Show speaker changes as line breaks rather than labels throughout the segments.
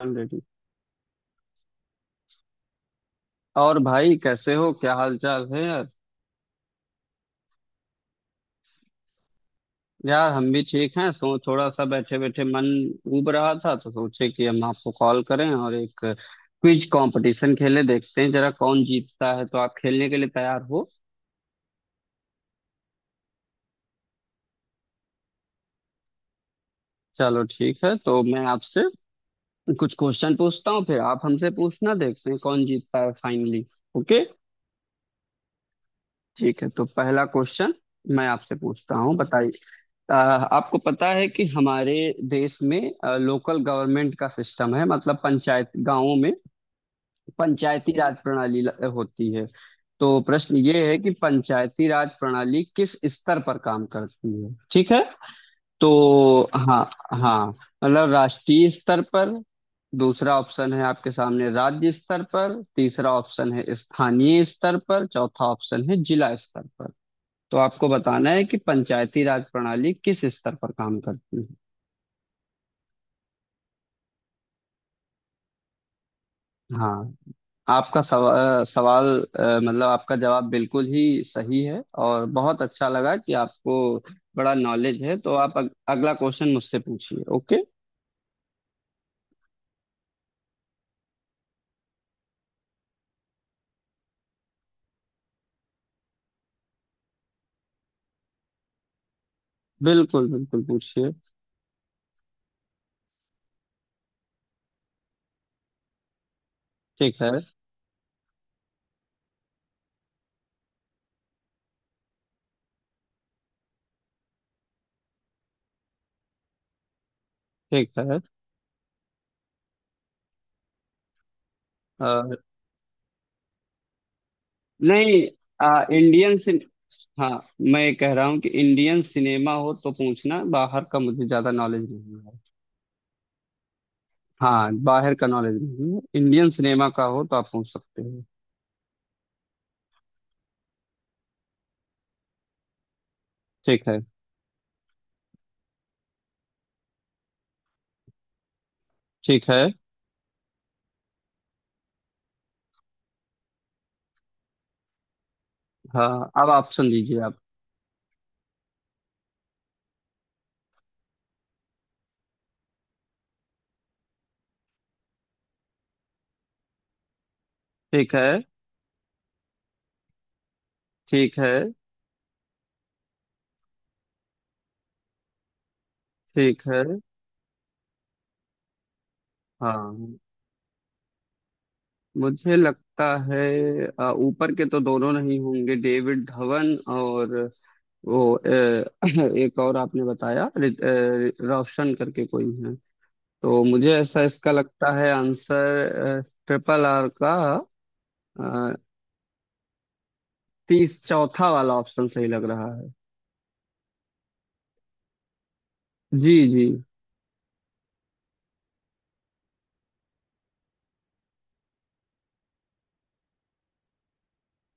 Already. और भाई कैसे हो, क्या हाल चाल है यार? यार हम भी ठीक हैं। सो थोड़ा सा बैठे बैठे मन उब रहा था तो सोचे कि हम आपको कॉल करें और एक क्विज कंपटीशन खेले, देखते हैं जरा कौन जीतता है। तो आप खेलने के लिए तैयार हो? चलो ठीक है, तो मैं आपसे कुछ क्वेश्चन पूछता हूँ, फिर आप हमसे पूछना, देखते हैं कौन जीतता है फाइनली। ओके। ठीक है तो पहला क्वेश्चन मैं आपसे पूछता हूँ, बताइए। आपको पता है कि हमारे देश में लोकल गवर्नमेंट का सिस्टम है, मतलब पंचायत, गांवों में पंचायती राज प्रणाली होती है। तो प्रश्न ये है कि पंचायती राज प्रणाली किस स्तर पर काम करती है। ठीक है तो हाँ हाँ, मतलब राष्ट्रीय स्तर पर, दूसरा ऑप्शन है आपके सामने राज्य स्तर पर, तीसरा ऑप्शन है स्थानीय स्तर पर, चौथा ऑप्शन है जिला स्तर पर। तो आपको बताना है कि पंचायती राज प्रणाली किस स्तर पर काम करती है। हाँ। आपका सवाल, मतलब आपका जवाब बिल्कुल ही सही है, और बहुत अच्छा लगा कि आपको बड़ा नॉलेज है। तो आप अगला क्वेश्चन मुझसे पूछिए। ओके। बिल्कुल बिल्कुल पूछिए। ठीक है। ठीक है। अ, नहीं, इंडियन सिन, हाँ, मैं कह रहा हूँ कि इंडियन सिनेमा हो तो पूछना, बाहर का मुझे ज्यादा नॉलेज नहीं है। हाँ, बाहर का नॉलेज नहीं है, इंडियन सिनेमा का हो तो आप पूछ सकते हो। ठीक है। ठीक है। हाँ अब ऑप्शन दीजिए आप। ठीक है। ठीक है। ठीक है। हाँ। मुझे लगता है ऊपर के तो दोनों नहीं होंगे, डेविड धवन और वो एक और आपने बताया रोशन करके कोई है, तो मुझे ऐसा इसका लगता है आंसर ट्रिपल आर का, तीस, चौथा वाला ऑप्शन सही लग रहा है। जी जी।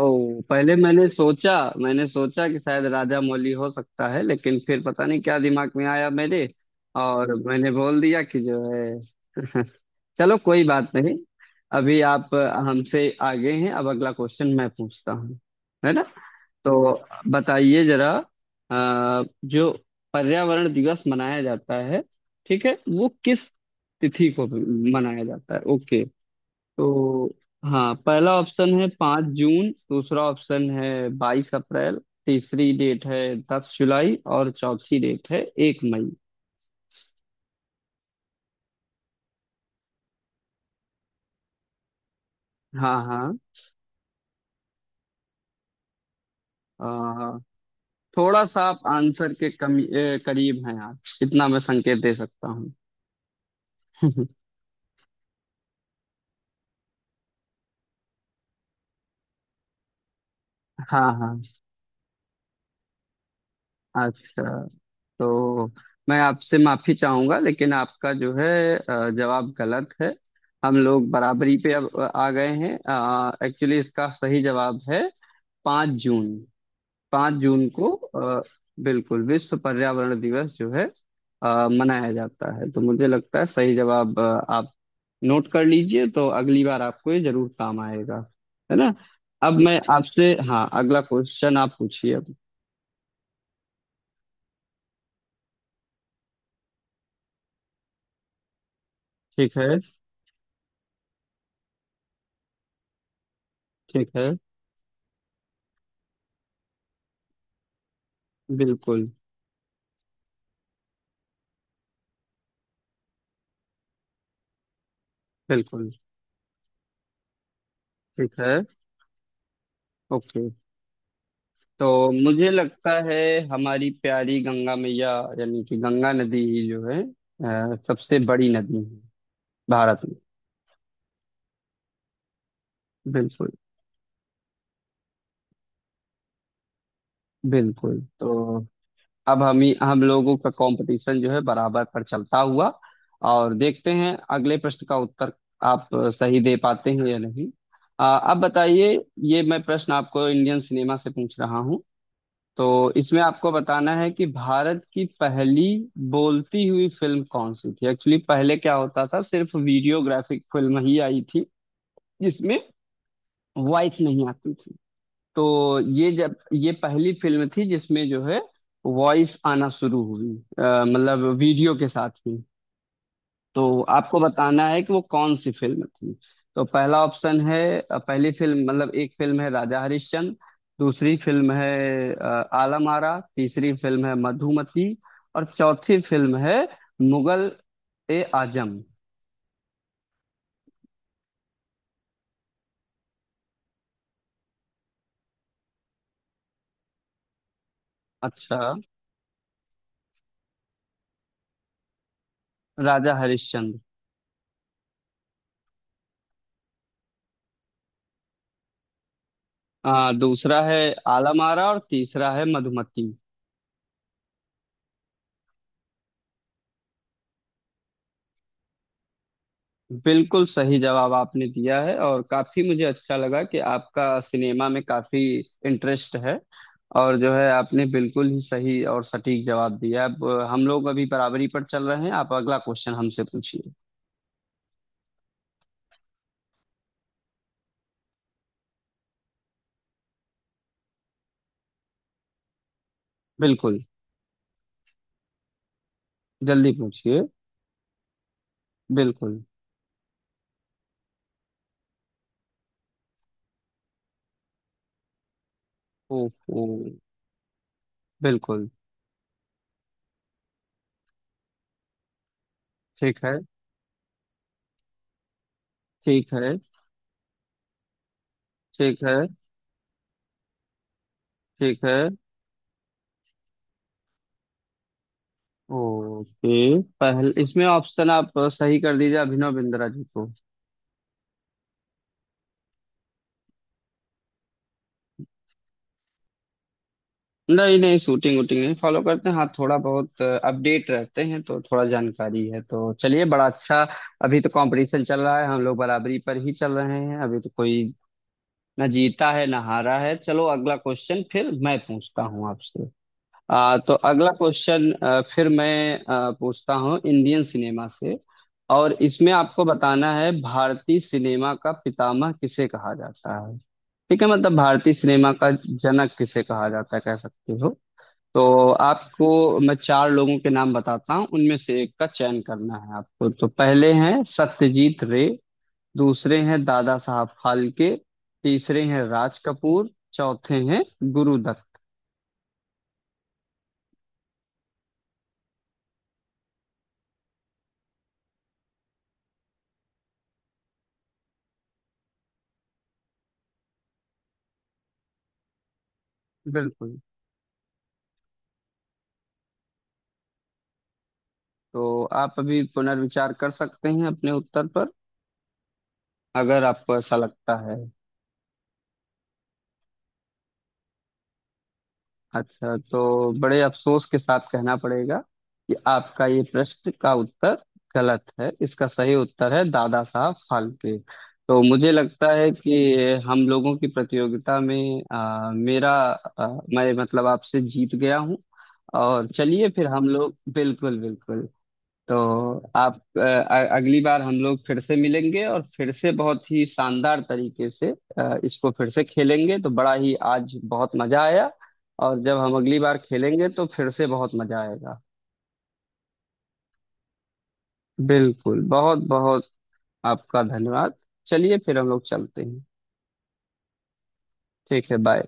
ओ पहले मैंने सोचा, मैंने सोचा कि शायद राजा मौली हो सकता है, लेकिन फिर पता नहीं क्या दिमाग में आया मेरे, और मैंने बोल दिया कि जो है चलो कोई बात नहीं। अभी आप हमसे आगे हैं, अब अगला क्वेश्चन मैं पूछता हूँ, है ना? तो बताइए जरा, जो पर्यावरण दिवस मनाया जाता है, ठीक है, वो किस तिथि को मनाया जाता है। ओके। तो हाँ, पहला ऑप्शन है पाँच जून, दूसरा ऑप्शन है बाईस अप्रैल, तीसरी डेट है दस जुलाई, और चौथी डेट है एक मई। हाँ हाँ। आ, थोड़ा सा आप आंसर के करीब हैं आप, इतना मैं संकेत दे सकता हूँ। हाँ हाँ। अच्छा तो मैं आपसे माफी चाहूंगा, लेकिन आपका जो है जवाब गलत है। हम लोग बराबरी पे अब आ गए हैं। एक्चुअली इसका सही जवाब है पाँच जून। पाँच जून को बिल्कुल विश्व पर्यावरण दिवस जो है मनाया जाता है। तो मुझे लगता है सही जवाब, आप नोट कर लीजिए तो अगली बार आपको ये जरूर काम आएगा, है ना? अब मैं आपसे हाँ, अगला क्वेश्चन आप पूछिए अब। ठीक है। ठीक है। बिल्कुल। बिल्कुल। ठीक है। ओके। तो मुझे लगता है हमारी प्यारी गंगा मैया, यानी कि गंगा नदी ही जो है सबसे बड़ी नदी है भारत में। बिल्कुल। बिल्कुल। तो अब हम लोगों का कंपटीशन जो है बराबर पर चलता हुआ, और देखते हैं अगले प्रश्न का उत्तर आप सही दे पाते हैं या नहीं। अब बताइए, ये मैं प्रश्न आपको इंडियन सिनेमा से पूछ रहा हूँ। तो इसमें आपको बताना है कि भारत की पहली बोलती हुई फिल्म कौन सी थी। एक्चुअली पहले क्या होता था, सिर्फ वीडियोग्राफिक फिल्म ही आई थी जिसमें वॉइस नहीं आती थी। तो ये जब ये पहली फिल्म थी जिसमें जो है वॉइस आना शुरू हुई, मतलब वीडियो के साथ ही। तो आपको बताना है कि वो कौन सी फिल्म थी। तो पहला ऑप्शन है पहली फिल्म मतलब एक फिल्म है राजा हरिश्चंद्र, दूसरी फिल्म है अ, आलम आरा, तीसरी फिल्म है मधुमती, और चौथी फिल्म है मुगल ए आजम। अच्छा। राजा हरिश्चंद्र। हाँ, दूसरा है आलम आरा और तीसरा है मधुमती। बिल्कुल सही जवाब आपने दिया है, और काफी मुझे अच्छा लगा कि आपका सिनेमा में काफी इंटरेस्ट है, और जो है आपने बिल्कुल ही सही और सटीक जवाब दिया। अब हम लोग अभी बराबरी पर चल रहे हैं, आप अगला क्वेश्चन हमसे पूछिए। बिल्कुल। जल्दी पूछिए। बिल्कुल। ओहो। बिल्कुल। ठीक है। ठीक है। ठीक है। ठीक है। ओके, पहले इसमें ऑप्शन आप सही कर दीजिए, अभिनव बिंद्रा जी को। नहीं नहीं, शूटिंग वूटिंग नहीं फॉलो करते हैं। हाँ थोड़ा बहुत अपडेट रहते हैं तो थोड़ा जानकारी है। तो चलिए, बड़ा अच्छा, अभी तो कंपटीशन चल रहा है, हम लोग बराबरी पर ही चल रहे हैं, अभी तो कोई ना जीता है ना हारा है। चलो अगला क्वेश्चन फिर मैं पूछता हूँ आपसे। तो अगला क्वेश्चन फिर मैं पूछता हूँ इंडियन सिनेमा से, और इसमें आपको बताना है भारतीय सिनेमा का पितामह किसे कहा जाता है। ठीक है, मतलब भारतीय सिनेमा का जनक किसे कहा जाता है, कह सकते हो। तो आपको मैं चार लोगों के नाम बताता हूँ, उनमें से एक का चयन करना है आपको। तो पहले हैं सत्यजीत रे, दूसरे हैं दादा साहब फाल्के, तीसरे हैं राज कपूर, चौथे हैं गुरुदत्त। बिल्कुल। तो आप अभी पुनर्विचार कर सकते हैं अपने उत्तर पर, अगर आपको ऐसा लगता है। अच्छा, तो बड़े अफसोस के साथ कहना पड़ेगा कि आपका ये प्रश्न का उत्तर गलत है। इसका सही उत्तर है दादा साहब फाल्के। तो मुझे लगता है कि हम लोगों की प्रतियोगिता में आ, मैं मतलब आपसे जीत गया हूँ। और चलिए फिर हम लोग, बिल्कुल बिल्कुल। तो आप अगली बार हम लोग फिर से मिलेंगे और फिर से बहुत ही शानदार तरीके से इसको फिर से खेलेंगे। तो बड़ा ही आज बहुत मजा आया, और जब हम अगली बार खेलेंगे तो फिर से बहुत मजा आएगा। बिल्कुल। बहुत बहुत आपका धन्यवाद। चलिए फिर हम लोग चलते हैं। ठीक है, बाय।